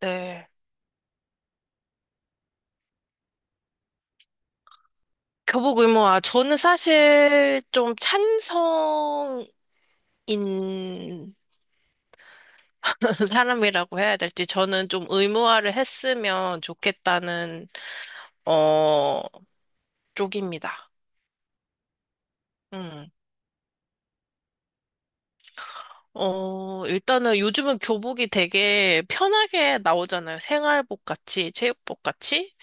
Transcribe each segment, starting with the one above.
네. 교복 의무화. 저는 사실 좀 찬성인 사람이라고 해야 될지, 저는 좀 의무화를 했으면 좋겠다는, 어, 쪽입니다. 음. 일단은 요즘은 교복이 되게 편하게 나오잖아요. 생활복 같이, 체육복 같이.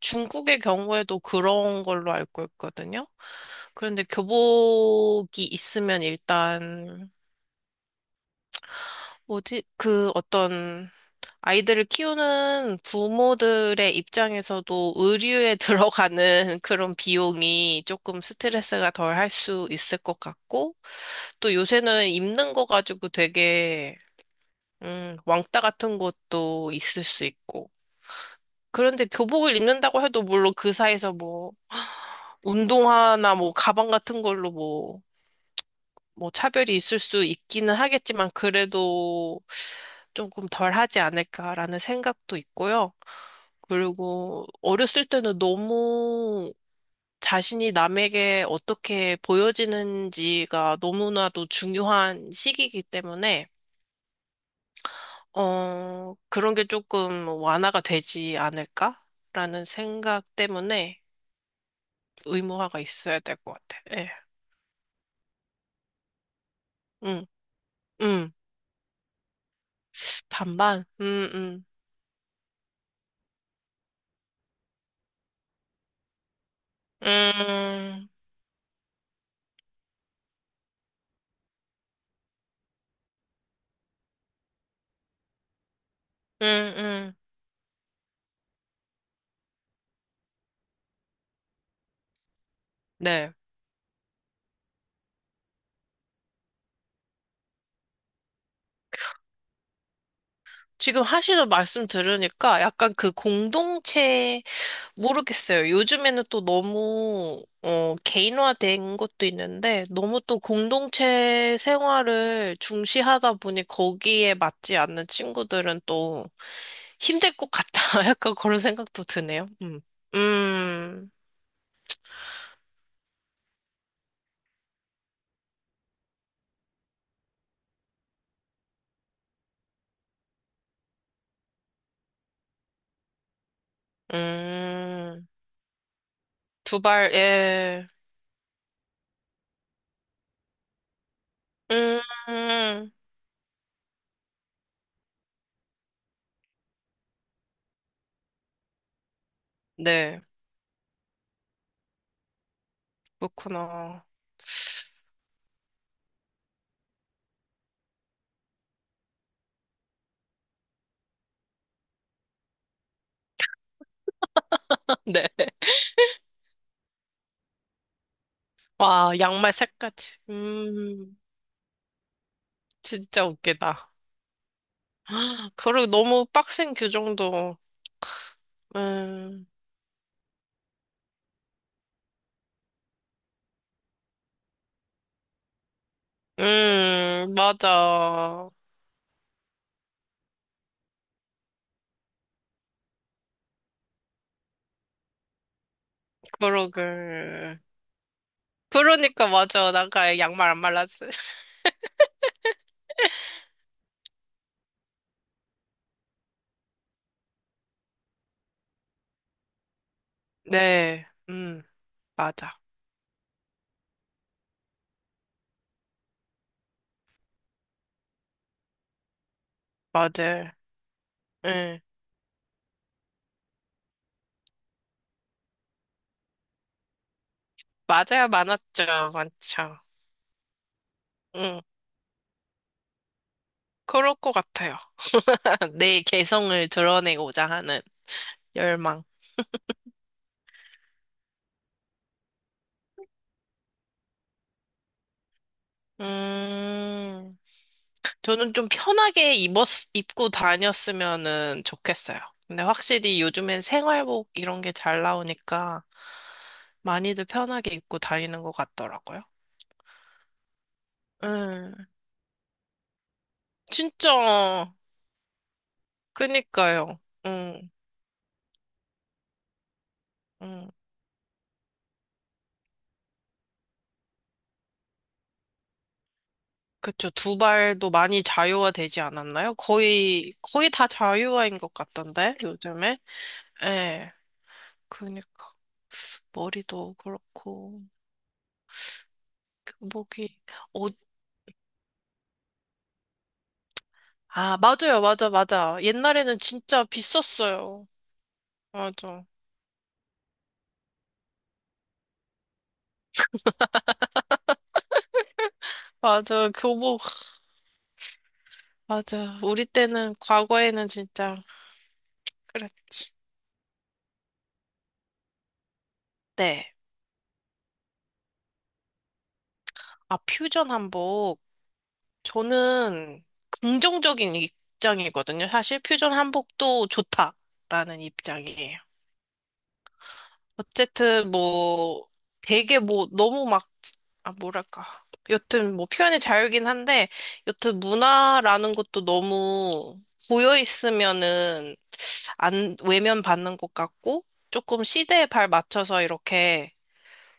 중국의 경우에도 그런 걸로 알고 있거든요. 그런데 교복이 있으면 일단, 뭐지? 그 어떤 아이들을 키우는 부모들의 입장에서도 의류에 들어가는 그런 비용이 조금 스트레스가 덜 할 수 있을 것 같고, 또 요새는 입는 거 가지고 되게, 왕따 같은 것도 있을 수 있고. 그런데 교복을 입는다고 해도 물론 그 사이에서 뭐, 운동화나 뭐, 가방 같은 걸로 뭐, 뭐 차별이 있을 수 있기는 하겠지만 그래도 조금 덜 하지 않을까라는 생각도 있고요. 그리고 어렸을 때는 너무 자신이 남에게 어떻게 보여지는지가 너무나도 중요한 시기이기 때문에 그런 게 조금 완화가 되지 않을까라는 생각 때문에 의무화가 있어야 될 것 같아. 예. 음, 음. 반반. 음. 음, 음. 네. 지금 하시는 말씀 들으니까 약간 그 공동체, 모르겠어요. 요즘에는 또 너무, 개인화된 것도 있는데, 너무 또 공동체 생활을 중시하다 보니 거기에 맞지 않는 친구들은 또 힘들 것 같다. 약간 그런 생각도 드네요. 음. 음, 음. 두 발, 예. 음, 네. 그렇구나. 네. 와, 양말 색까지. 진짜 웃기다. 그리고 너무 빡센 규정도. 음, 맞아. 그러게. 그러니까 맞아. 나가 양말 안 말랐어. 네, 맞아. 맞아. 응. 맞아야 많았죠. 많죠. 음, 그럴 것 같아요. 내 개성을 드러내고자 하는 열망. 음. 저는 좀 편하게 입었, 입고 다녔으면은 좋겠어요. 근데 확실히 요즘엔 생활복 이런 게 잘 나오니까 많이들 편하게 입고 다니는 것 같더라고요. 음, 진짜, 그니까요. 음, 음. 그쵸. 두발도 많이 자유화 되지 않았나요? 거의, 거의 다 자유화인 것 같던데, 요즘에. 예, 그니까. 머리도 그렇고, 그 목이, 아, 맞아요. 맞아, 맞아. 옛날에는 진짜 비쌌어요. 맞아. 맞아. 교복. 맞아. 우리 때는, 과거에는 진짜 그랬지. 네. 아, 퓨전 한복. 저는 긍정적인 입장이거든요. 사실 퓨전 한복도 좋다라는 입장이에요. 어쨌든 뭐 되게 뭐 너무 막, 아, 뭐랄까. 여튼 뭐 표현의 자유긴 한데, 여튼 문화라는 것도 너무 고여 있으면은 안, 외면 받는 것 같고, 조금 시대에 발 맞춰서 이렇게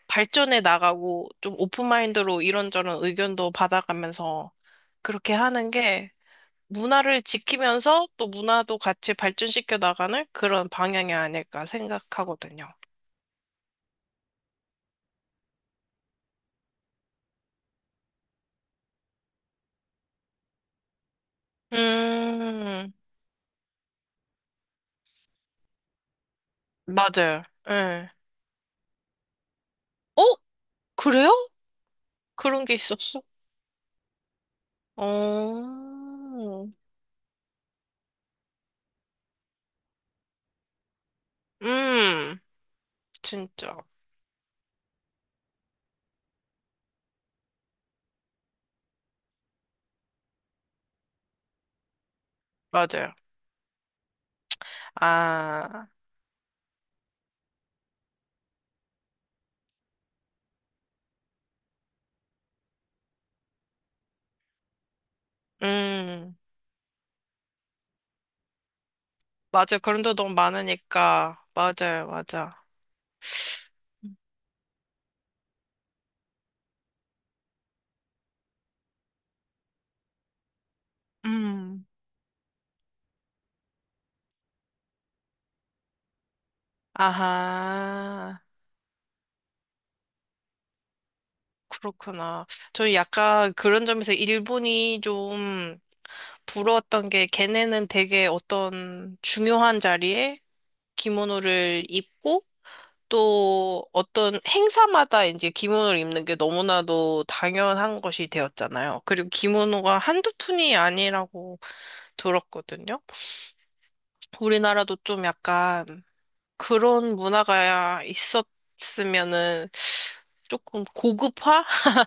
발전해 나가고, 좀 오픈마인드로 이런저런 의견도 받아가면서 그렇게 하는 게 문화를 지키면서 또 문화도 같이 발전시켜 나가는 그런 방향이 아닐까 생각하거든요. 음, 맞아요. 예. 어? 그래요? 그런 게 있었어? 어, 음, 진짜. 맞아요. 아, 음. 맞아요. 거름도 너무 많으니까. 맞아요, 맞아. 음. 아하, 그렇구나. 저는 약간 그런 점에서 일본이 좀 부러웠던 게 걔네는 되게 어떤 중요한 자리에 기모노를 입고 또 어떤 행사마다 이제 기모노를 입는 게 너무나도 당연한 것이 되었잖아요. 그리고 기모노가 한두 푼이 아니라고 들었거든요. 우리나라도 좀 약간 그런 문화가 있었으면은 조금 고급화하는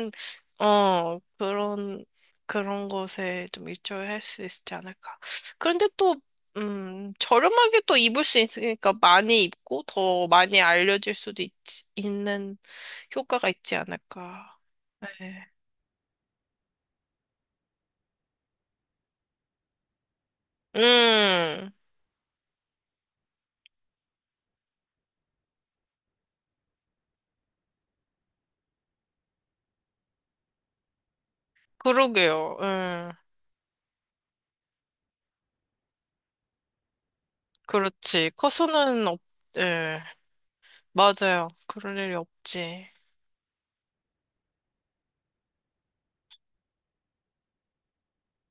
어 그런 그런 것에 좀 일조할 수 있지 않을까. 그런데 또 저렴하게 또 입을 수 있으니까 많이 입고 더 많이 알려질 수도 있, 있는 효과가 있지 않을까. 네. 음, 그러게요. 그렇지. 커서는 없, 예, 맞아요. 그럴 일이 없지.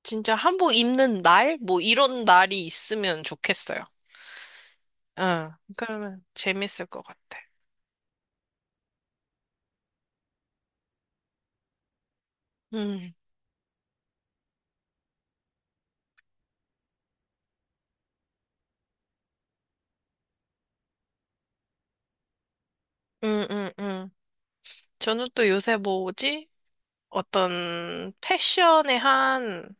진짜 한복 입는 날? 뭐 이런 날이 있으면 좋겠어요. 응. 그러면 재밌을 것 같아. 음, 음, 음, 음. 저는 또 요새 뭐지? 어떤 패션의 한,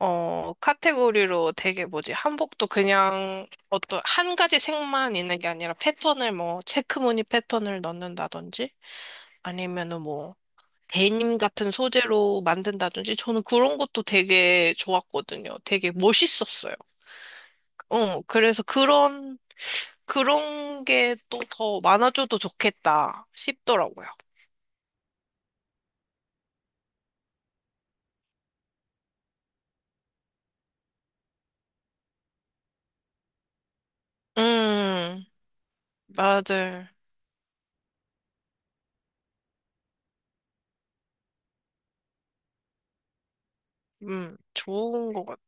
카테고리로 되게 뭐지? 한복도 그냥 어떤 한 가지 색만 있는 게 아니라 패턴을 뭐, 체크무늬 패턴을 넣는다든지 아니면은 뭐, 데님 같은 소재로 만든다든지 저는 그런 것도 되게 좋았거든요. 되게 멋있었어요. 그래서 그런, 그런 게 또 더 많아져도 좋겠다 싶더라고요. 음, 맞아요. 좋은 것 같아.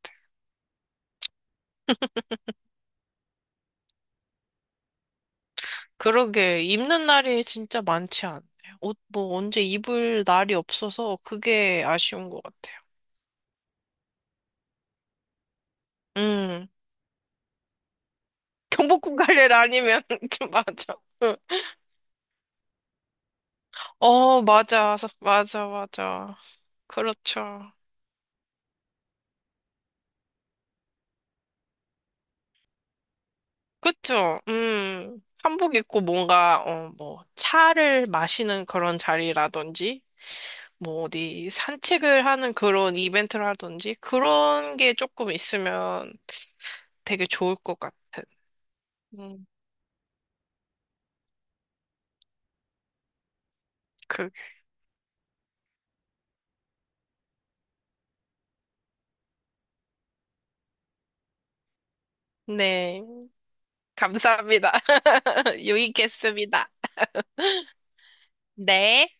그러게, 입는 날이 진짜 많지 않네. 옷, 뭐, 언제 입을 날이 없어서 그게 아쉬운 것 같아요. 음, 경복궁 갈래 아니면, 맞아. 응. 어, 맞아. 맞아, 맞아. 그렇죠. 그쵸? 한복 입고 뭔가, 어, 뭐, 차를 마시는 그런 자리라든지, 뭐, 어디 산책을 하는 그런 이벤트라든지 그런 게 조금 있으면 되게 좋을 것 같은. 음, 그, 네. 감사합니다. 유익했습니다. 네.